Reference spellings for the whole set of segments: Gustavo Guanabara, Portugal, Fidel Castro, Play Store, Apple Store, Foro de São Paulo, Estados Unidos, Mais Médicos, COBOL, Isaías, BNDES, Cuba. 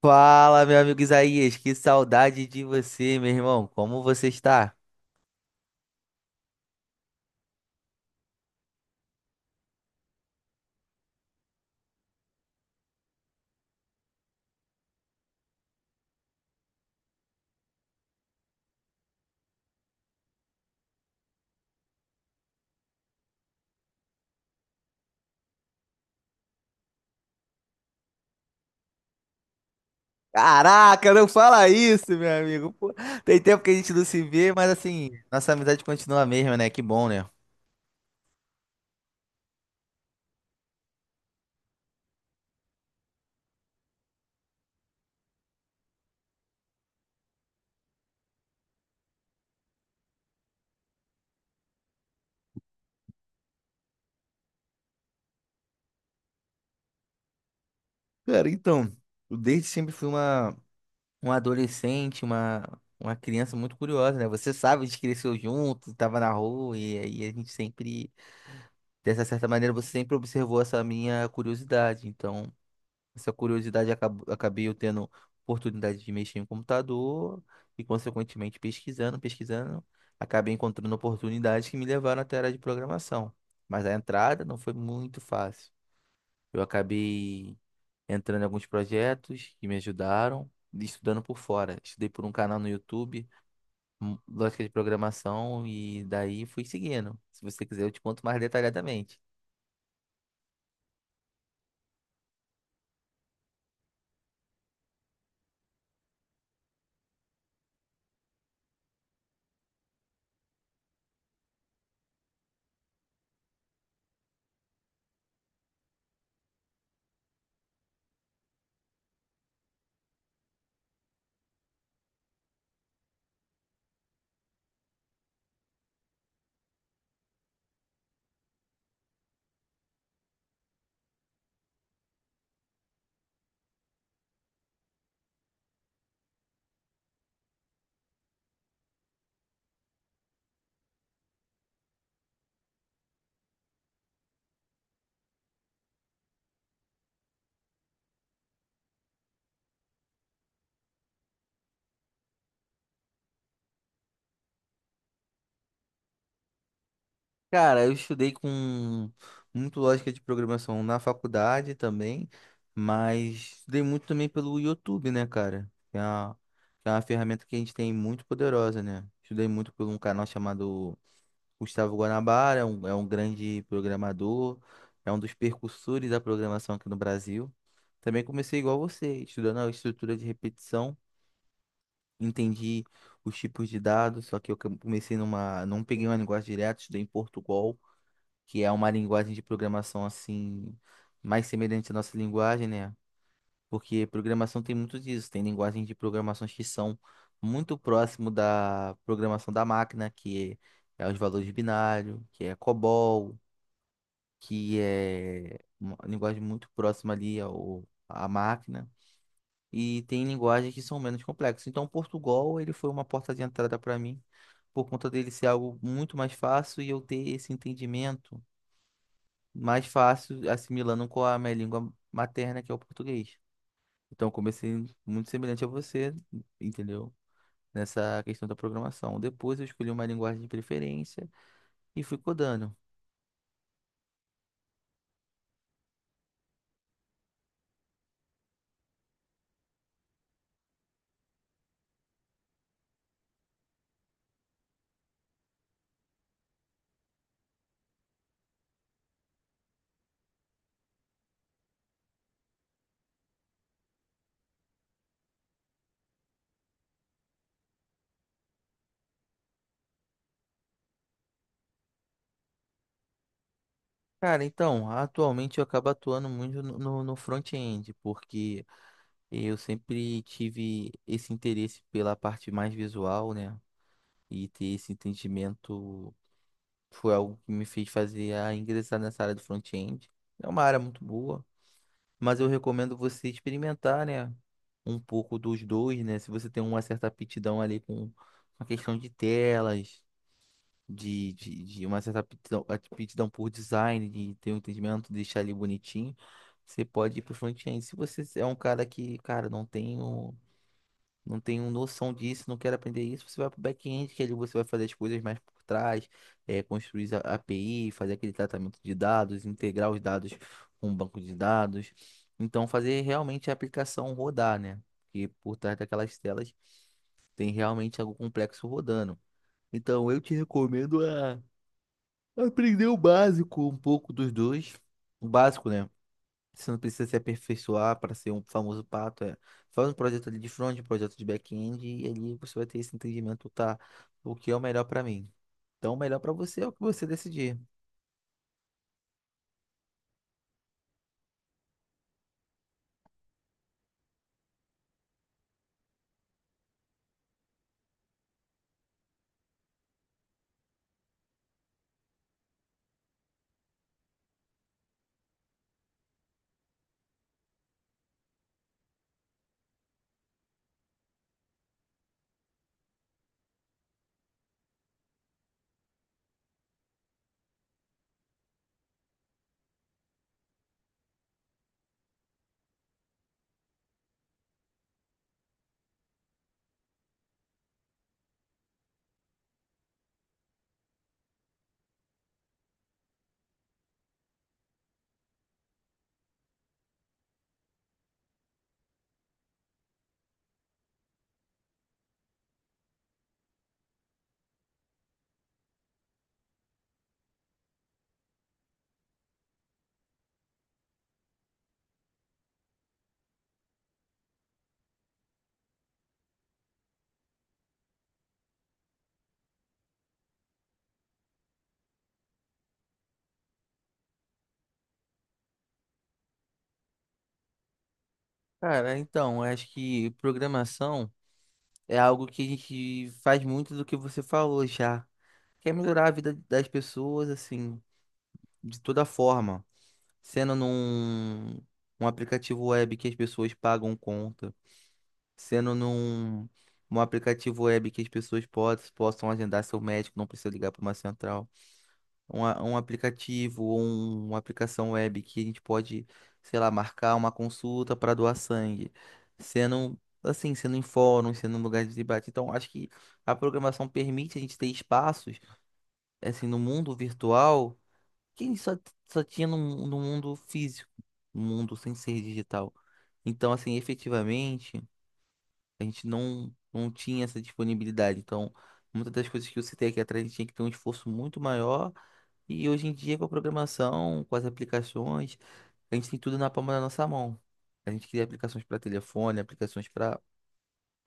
Fala, meu amigo Isaías, que saudade de você, meu irmão. Como você está? Caraca, não fala isso, meu amigo. Pô, tem tempo que a gente não se vê, mas assim, nossa amizade continua a mesma, né? Que bom, né? cara, então, Eu desde sempre fui uma adolescente, uma criança muito curiosa, né? Você sabe, a gente cresceu junto, tava na rua, e aí a gente sempre, dessa certa maneira, você sempre observou essa minha curiosidade. Então, essa curiosidade acabei eu tendo oportunidade de mexer em computador e, consequentemente, pesquisando, acabei encontrando oportunidades que me levaram até a área de programação. Mas a entrada não foi muito fácil. Eu acabei entrando em alguns projetos que me ajudaram, e estudando por fora. Estudei por um canal no YouTube, Lógica de Programação, e daí fui seguindo. Se você quiser, eu te conto mais detalhadamente. Cara, eu estudei com muito lógica de programação na faculdade também, mas estudei muito também pelo YouTube, né, cara? Que é uma ferramenta que a gente tem muito poderosa, né? Estudei muito por um canal chamado Gustavo Guanabara, é um grande programador, é um dos percursores da programação aqui no Brasil. Também comecei igual você, estudando a estrutura de repetição, entendi os tipos de dados, só que eu comecei numa, não peguei uma linguagem direta, estudei em Portugal, que é uma linguagem de programação assim mais semelhante à nossa linguagem, né? Porque programação tem muito disso, tem linguagens de programações que são muito próximo da programação da máquina, que é os valores binários, que é COBOL, que é uma linguagem muito próxima à máquina. E tem linguagens que são menos complexas. Então, Portugal, ele foi uma porta de entrada para mim, por conta dele ser algo muito mais fácil e eu ter esse entendimento mais fácil assimilando com a minha língua materna, que é o português. Então, eu comecei muito semelhante a você, entendeu? Nessa questão da programação. Depois, eu escolhi uma linguagem de preferência e fui codando. Cara, então, atualmente eu acabo atuando muito no front-end, porque eu sempre tive esse interesse pela parte mais visual, né? E ter esse entendimento foi algo que me fez fazer a ingressar nessa área do front-end. É uma área muito boa. Mas eu recomendo você experimentar, né? Um pouco dos dois, né? Se você tem uma certa aptidão ali com a questão de telas, de uma certa aptidão, aptidão por design, de ter um entendimento, deixar ali bonitinho, você pode ir pro front-end. Se você é um cara que, cara, não tem noção disso, não quer aprender isso, você vai para o back-end, que ali você vai fazer as coisas mais por trás, é, construir a API, fazer aquele tratamento de dados, integrar os dados com o banco de dados. Então, fazer realmente a aplicação rodar, né? Porque por trás daquelas telas tem realmente algo complexo rodando. Então, eu te recomendo a aprender o básico, um pouco dos dois. O básico, né? Você não precisa se aperfeiçoar para ser um famoso pato. É. Faz um projeto ali de front, um projeto de back-end, e ali você vai ter esse entendimento, tá? O que é o melhor para mim? Então, o melhor para você é o que você decidir. Cara, então, eu acho que programação é algo que a gente faz muito do que você falou já. Quer melhorar a vida das pessoas, assim, de toda forma. Sendo num Um aplicativo web que as pessoas pagam conta, sendo num, num aplicativo web que as pessoas possam agendar seu médico, não precisa ligar para uma central. Um aplicativo ou uma aplicação web que a gente pode, sei lá, marcar uma consulta para doar sangue. Sendo assim, sendo em fóruns, sendo em lugares de debate. Então, acho que a programação permite a gente ter espaços, assim, no mundo virtual que a gente só tinha no mundo físico, no mundo sem ser digital. Então, assim, efetivamente, a gente não tinha essa disponibilidade. Então, muitas das coisas que eu citei aqui atrás, a gente tinha que ter um esforço muito maior. E hoje em dia, com a programação, com as aplicações, a gente tem tudo na palma da nossa mão. A gente cria aplicações para telefone, aplicações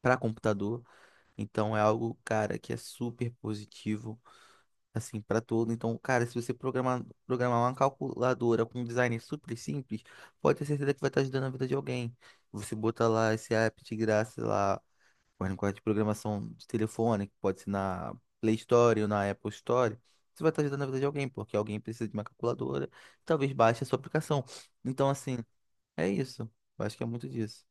para computador. Então, é algo, cara, que é super positivo, assim, para todo. Então, cara, se você programar, programar uma calculadora com um design super simples, pode ter certeza que vai estar ajudando a vida de alguém. Você bota lá esse app de graça lá. Mas no código de programação de telefone, que pode ser na Play Store ou na Apple Store, você vai estar ajudando a vida de alguém, porque alguém precisa de uma calculadora, talvez baixe a sua aplicação. Então, assim, é isso. Eu acho que é muito disso.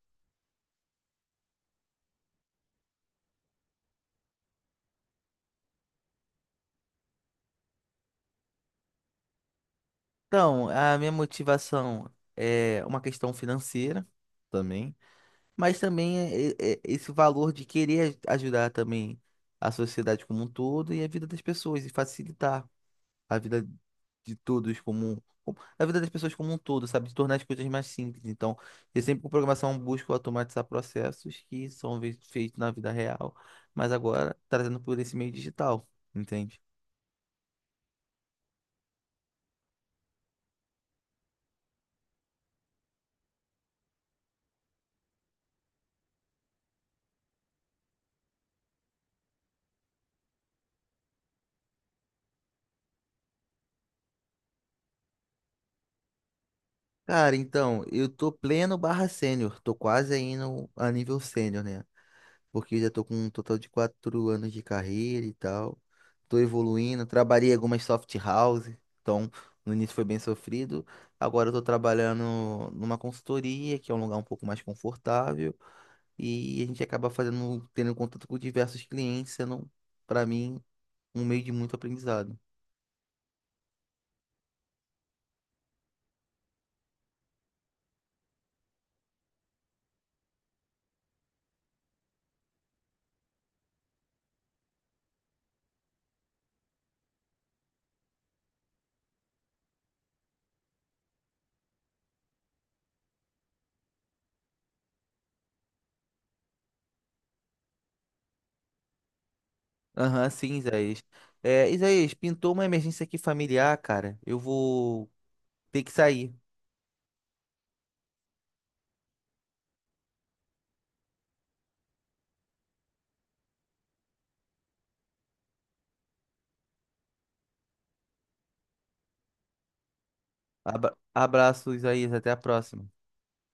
Então, a minha motivação é uma questão financeira também, mas também é esse valor de querer ajudar também a sociedade como um todo e a vida das pessoas e facilitar a vida de todos como a vida das pessoas como um todo, sabe? De tornar as coisas mais simples. Então, eu sempre com programação busco automatizar processos que são feitos na vida real, mas agora trazendo por esse meio digital, entende? Cara, então, eu tô pleno barra sênior, tô quase aí no, a nível sênior, né? Porque eu já tô com um total de 4 anos de carreira e tal. Tô evoluindo, trabalhei algumas soft house, então no início foi bem sofrido. Agora eu tô trabalhando numa consultoria, que é um lugar um pouco mais confortável, e a gente acaba fazendo, tendo contato com diversos clientes, sendo, para mim, um meio de muito aprendizado. Aham, sim, Isaías. É, Isaías, pintou uma emergência aqui familiar, cara. Eu vou ter que sair. Abraço, Isaías, até a próxima.